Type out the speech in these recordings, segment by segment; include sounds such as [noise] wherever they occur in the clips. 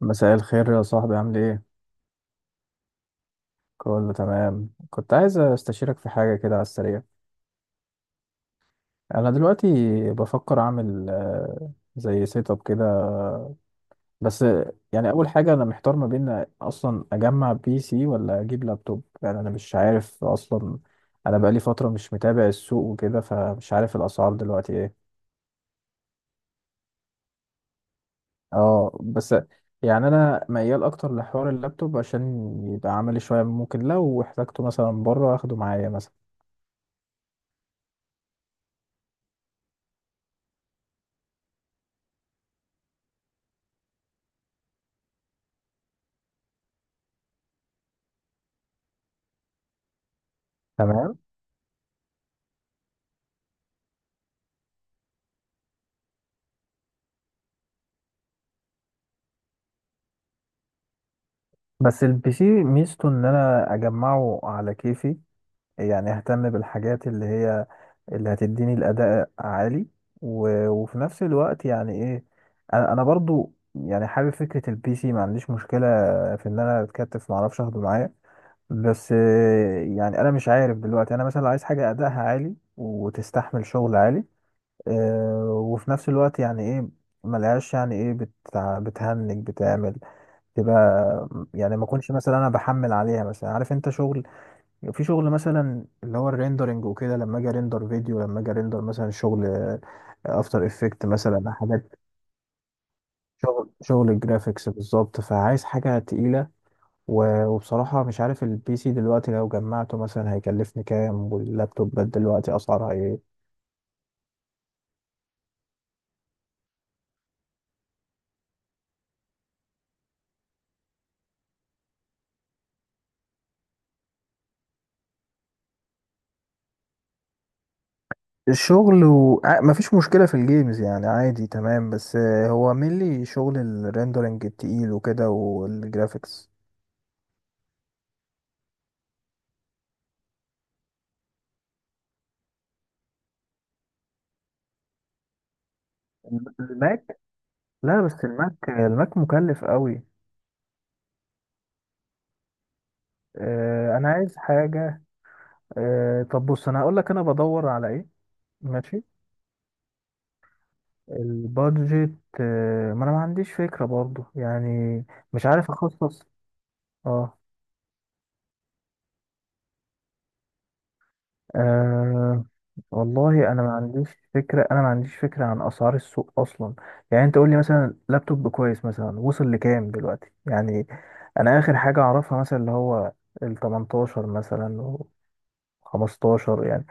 مساء الخير يا صاحبي، عامل ايه؟ كله تمام. كنت عايز استشيرك في حاجة كده على السريع. انا دلوقتي بفكر اعمل زي سيت اب كده بس. يعني اول حاجة انا محتار ما بين اصلا اجمع بي سي ولا اجيب لابتوب. يعني انا مش عارف اصلا. انا بقالي فترة مش متابع السوق وكده، فمش عارف الاسعار دلوقتي ايه. اه، بس يعني انا ميال اكتر لحوار اللابتوب، عشان يبقى عملي شوية. ممكن لو احتاجته مثلا بره اخده معايا مثلا. تمام. بس البي سي ميزته ان انا اجمعه على كيفي، يعني اهتم بالحاجات اللي هي اللي هتديني الاداء عالي. و... وفي نفس الوقت يعني ايه، انا برضو يعني حابب فكرة البي سي. ما عنديش مشكلة في ان انا اتكتف، ما اعرفش اخده معايا. بس يعني انا مش عارف دلوقتي. انا مثلا عايز حاجة ادائها عالي وتستحمل شغل عالي، وفي نفس الوقت يعني ايه، ملهاش يعني ايه، بتهنج، بتعمل تبقى. يعني ما اكونش مثلا انا بحمل عليها مثلا. عارف انت شغل، في شغل مثلا اللي هو الريندرنج وكده. لما اجي ريندر فيديو، لما اجي ريندر مثلا شغل افتر افكت مثلا حاجات. شغل الجرافيكس بالظبط. فعايز حاجه تقيله. و- وبصراحه مش عارف البي سي دلوقتي لو جمعته مثلا هيكلفني كام، واللابتوبات دلوقتي اسعارها ايه. الشغل مفيش مشكلة في الجيمز، يعني عادي تمام. بس هو مينلي شغل الريندرنج التقيل وكده والجرافيكس. الماك. لا بس الماك مكلف قوي. انا عايز حاجه. طب بص انا هقول لك انا بدور على ايه. ماشي. البادجت. ما انا ما عنديش فكره برضو يعني. مش عارف اخصص. اه. آه، والله انا ما عنديش فكره عن اسعار السوق اصلا. يعني انت قول لي مثلا لابتوب كويس مثلا وصل لكام دلوقتي يعني. انا اخر حاجه اعرفها مثلا اللي هو ال 18 مثلا و 15 يعني.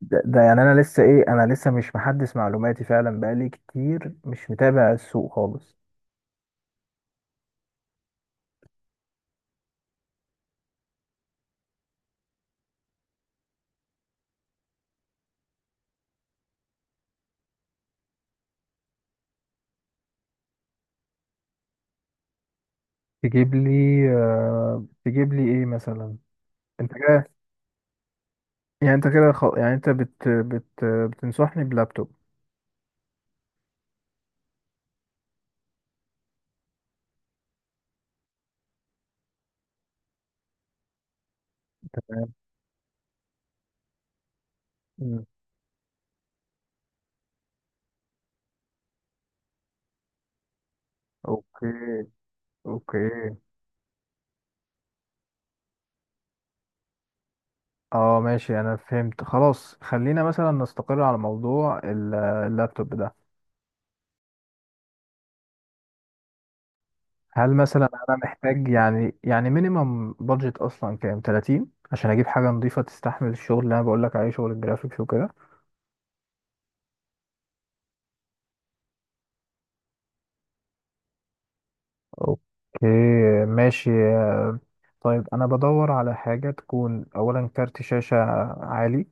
ده، يعني انا لسه مش محدث معلوماتي فعلا. بقالي كتير مش متابع السوق خالص. تجيب لي، آه تجيب لي ايه مثلا. انت كده، يعني انت كده يعني انت بتنصحني بلابتوب. تمام. مم. اوكي. اوكي. اه ماشي، انا فهمت. خلاص خلينا مثلا نستقر على موضوع اللابتوب ده. هل مثلا انا محتاج، يعني مينيمم بادجت اصلا كام، 30 عشان اجيب حاجه نظيفه تستحمل الشغل اللي انا بقول لك عليه، شغل الجرافيكس وكده. اوكي ماشي. طيب انا بدور على حاجة تكون اولا كارت شاشة عالي،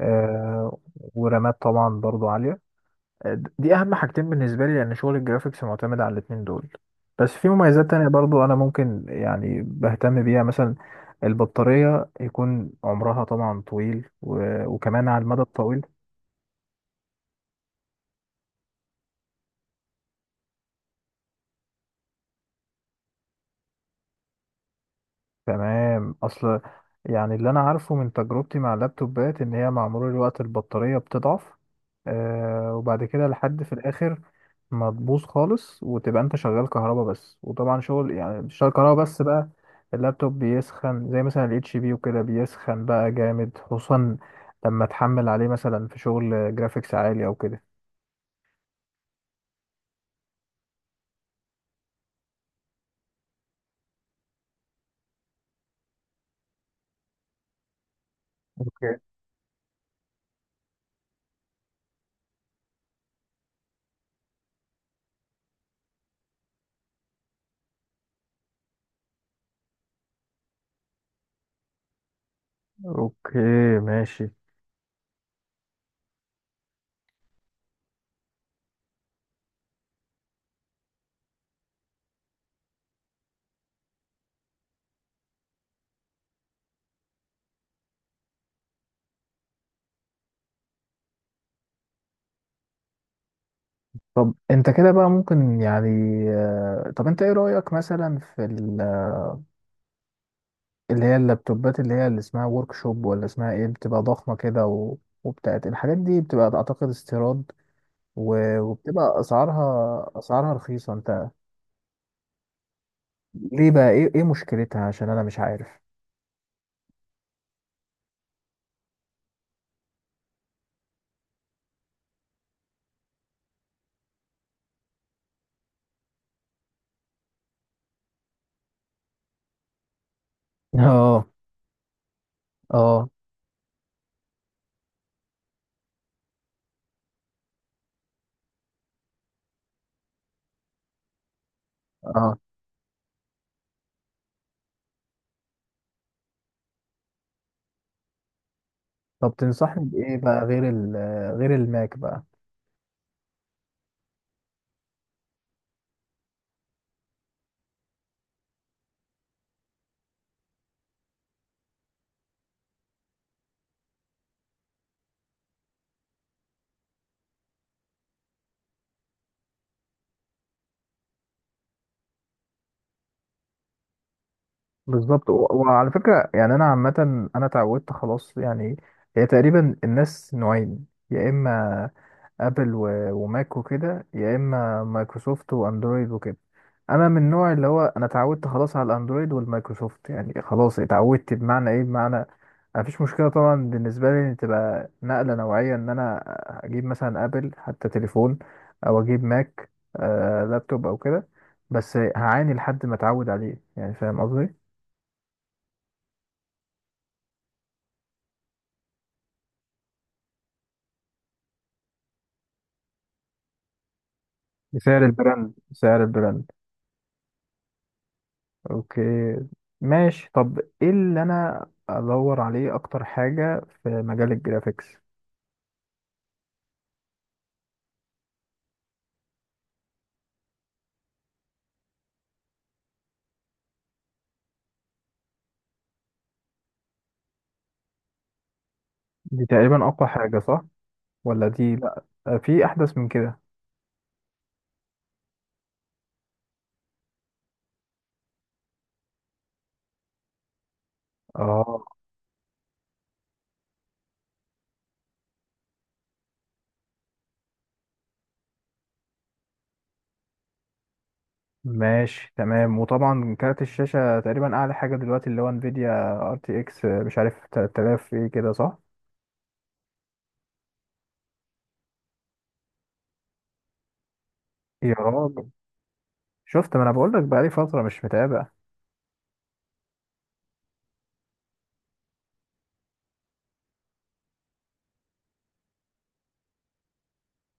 آه، ورامات طبعا برضو عالية. دي اهم حاجتين بالنسبة لي، لان شغل الجرافيكس معتمد على الاتنين دول. بس في مميزات تانية برضو انا ممكن يعني بهتم بيها مثلا. البطارية يكون عمرها طبعا طويل، و- وكمان على المدى الطويل. تمام. اصل يعني اللي انا عارفه من تجربتي مع اللابتوبات ان هي مع مرور الوقت البطارية بتضعف. آه، وبعد كده لحد في الاخر ما تبوظ خالص، وتبقى انت شغال كهربا بس. وطبعا شغل يعني مش شغال كهربا بس بقى. اللابتوب بيسخن زي مثلا الاتش بي وكده، بيسخن بقى جامد خصوصا لما تحمل عليه مثلا في شغل جرافيكس عالي او كده. اوكي. اوكي ماشي. طب انت كده بقى ممكن يعني، طب انت ايه رأيك مثلا في اللي هي اللابتوبات، اللي هي اللي اسمها ورك شوب ولا اسمها ايه، بتبقى ضخمة كده، و... وبتاعت الحاجات دي بتبقى اعتقد استيراد، و... وبتبقى اسعارها رخيصة انت. ليه بقى، ايه مشكلتها عشان انا مش عارف. [laughs] اه. اه، اه، طب تنصحني بايه بقى، غير غير الماك بقى. بالظبط. و... وعلى فكرة يعني انا عامة، انا اتعودت خلاص يعني. هي تقريبا الناس نوعين، يا اما ابل و- وماك وكده، يا اما مايكروسوفت واندرويد وكده. انا من النوع اللي هو انا اتعودت خلاص على الاندرويد والمايكروسوفت. يعني خلاص اتعودت، بمعنى ايه؟ بمعنى مفيش مشكله طبعا بالنسبه لي ان تبقى نقله نوعيه ان انا اجيب مثلا ابل حتى تليفون، او اجيب ماك، لابتوب او كده. بس هعاني لحد ما اتعود عليه يعني، فاهم قصدي. بسعر البراند، سعر البراند. اوكي. ماشي. طب ايه اللي انا ادور عليه اكتر حاجة في مجال الجرافيكس. دي تقريبا اقوى حاجة، صح؟ ولا دي، لا، في احدث من كده. اه ماشي تمام. وطبعا كارت الشاشة تقريبا اعلى حاجة دلوقتي اللي هو انفيديا ار تي اكس، مش عارف 3000 ايه كده، صح؟ يا راجل، شفت، ما انا بقول لك بقالي فترة مش متابع.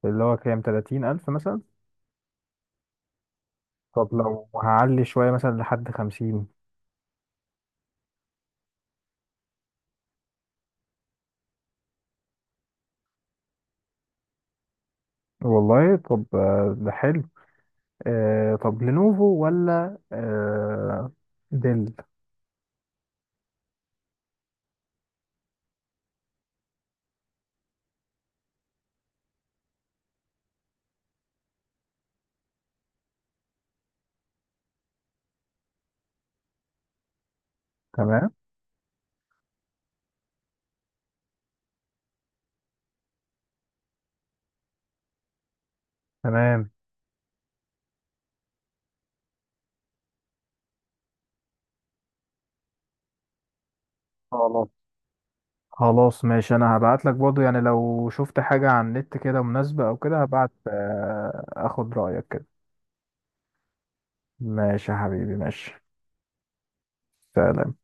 اللي هو كام، 30,000 مثلا. طب لو هعلي شوية مثلا لحد 50. والله طب، ده حلو. طب لينوفو ولا ديل. تمام تمام. خلاص خلاص. ماشي، انا هبعت لك برضه يعني. لو شفت حاجة على النت كده مناسبة او كده هبعت، اخد رأيك كده. ماشي يا حبيبي، ماشي. سلام.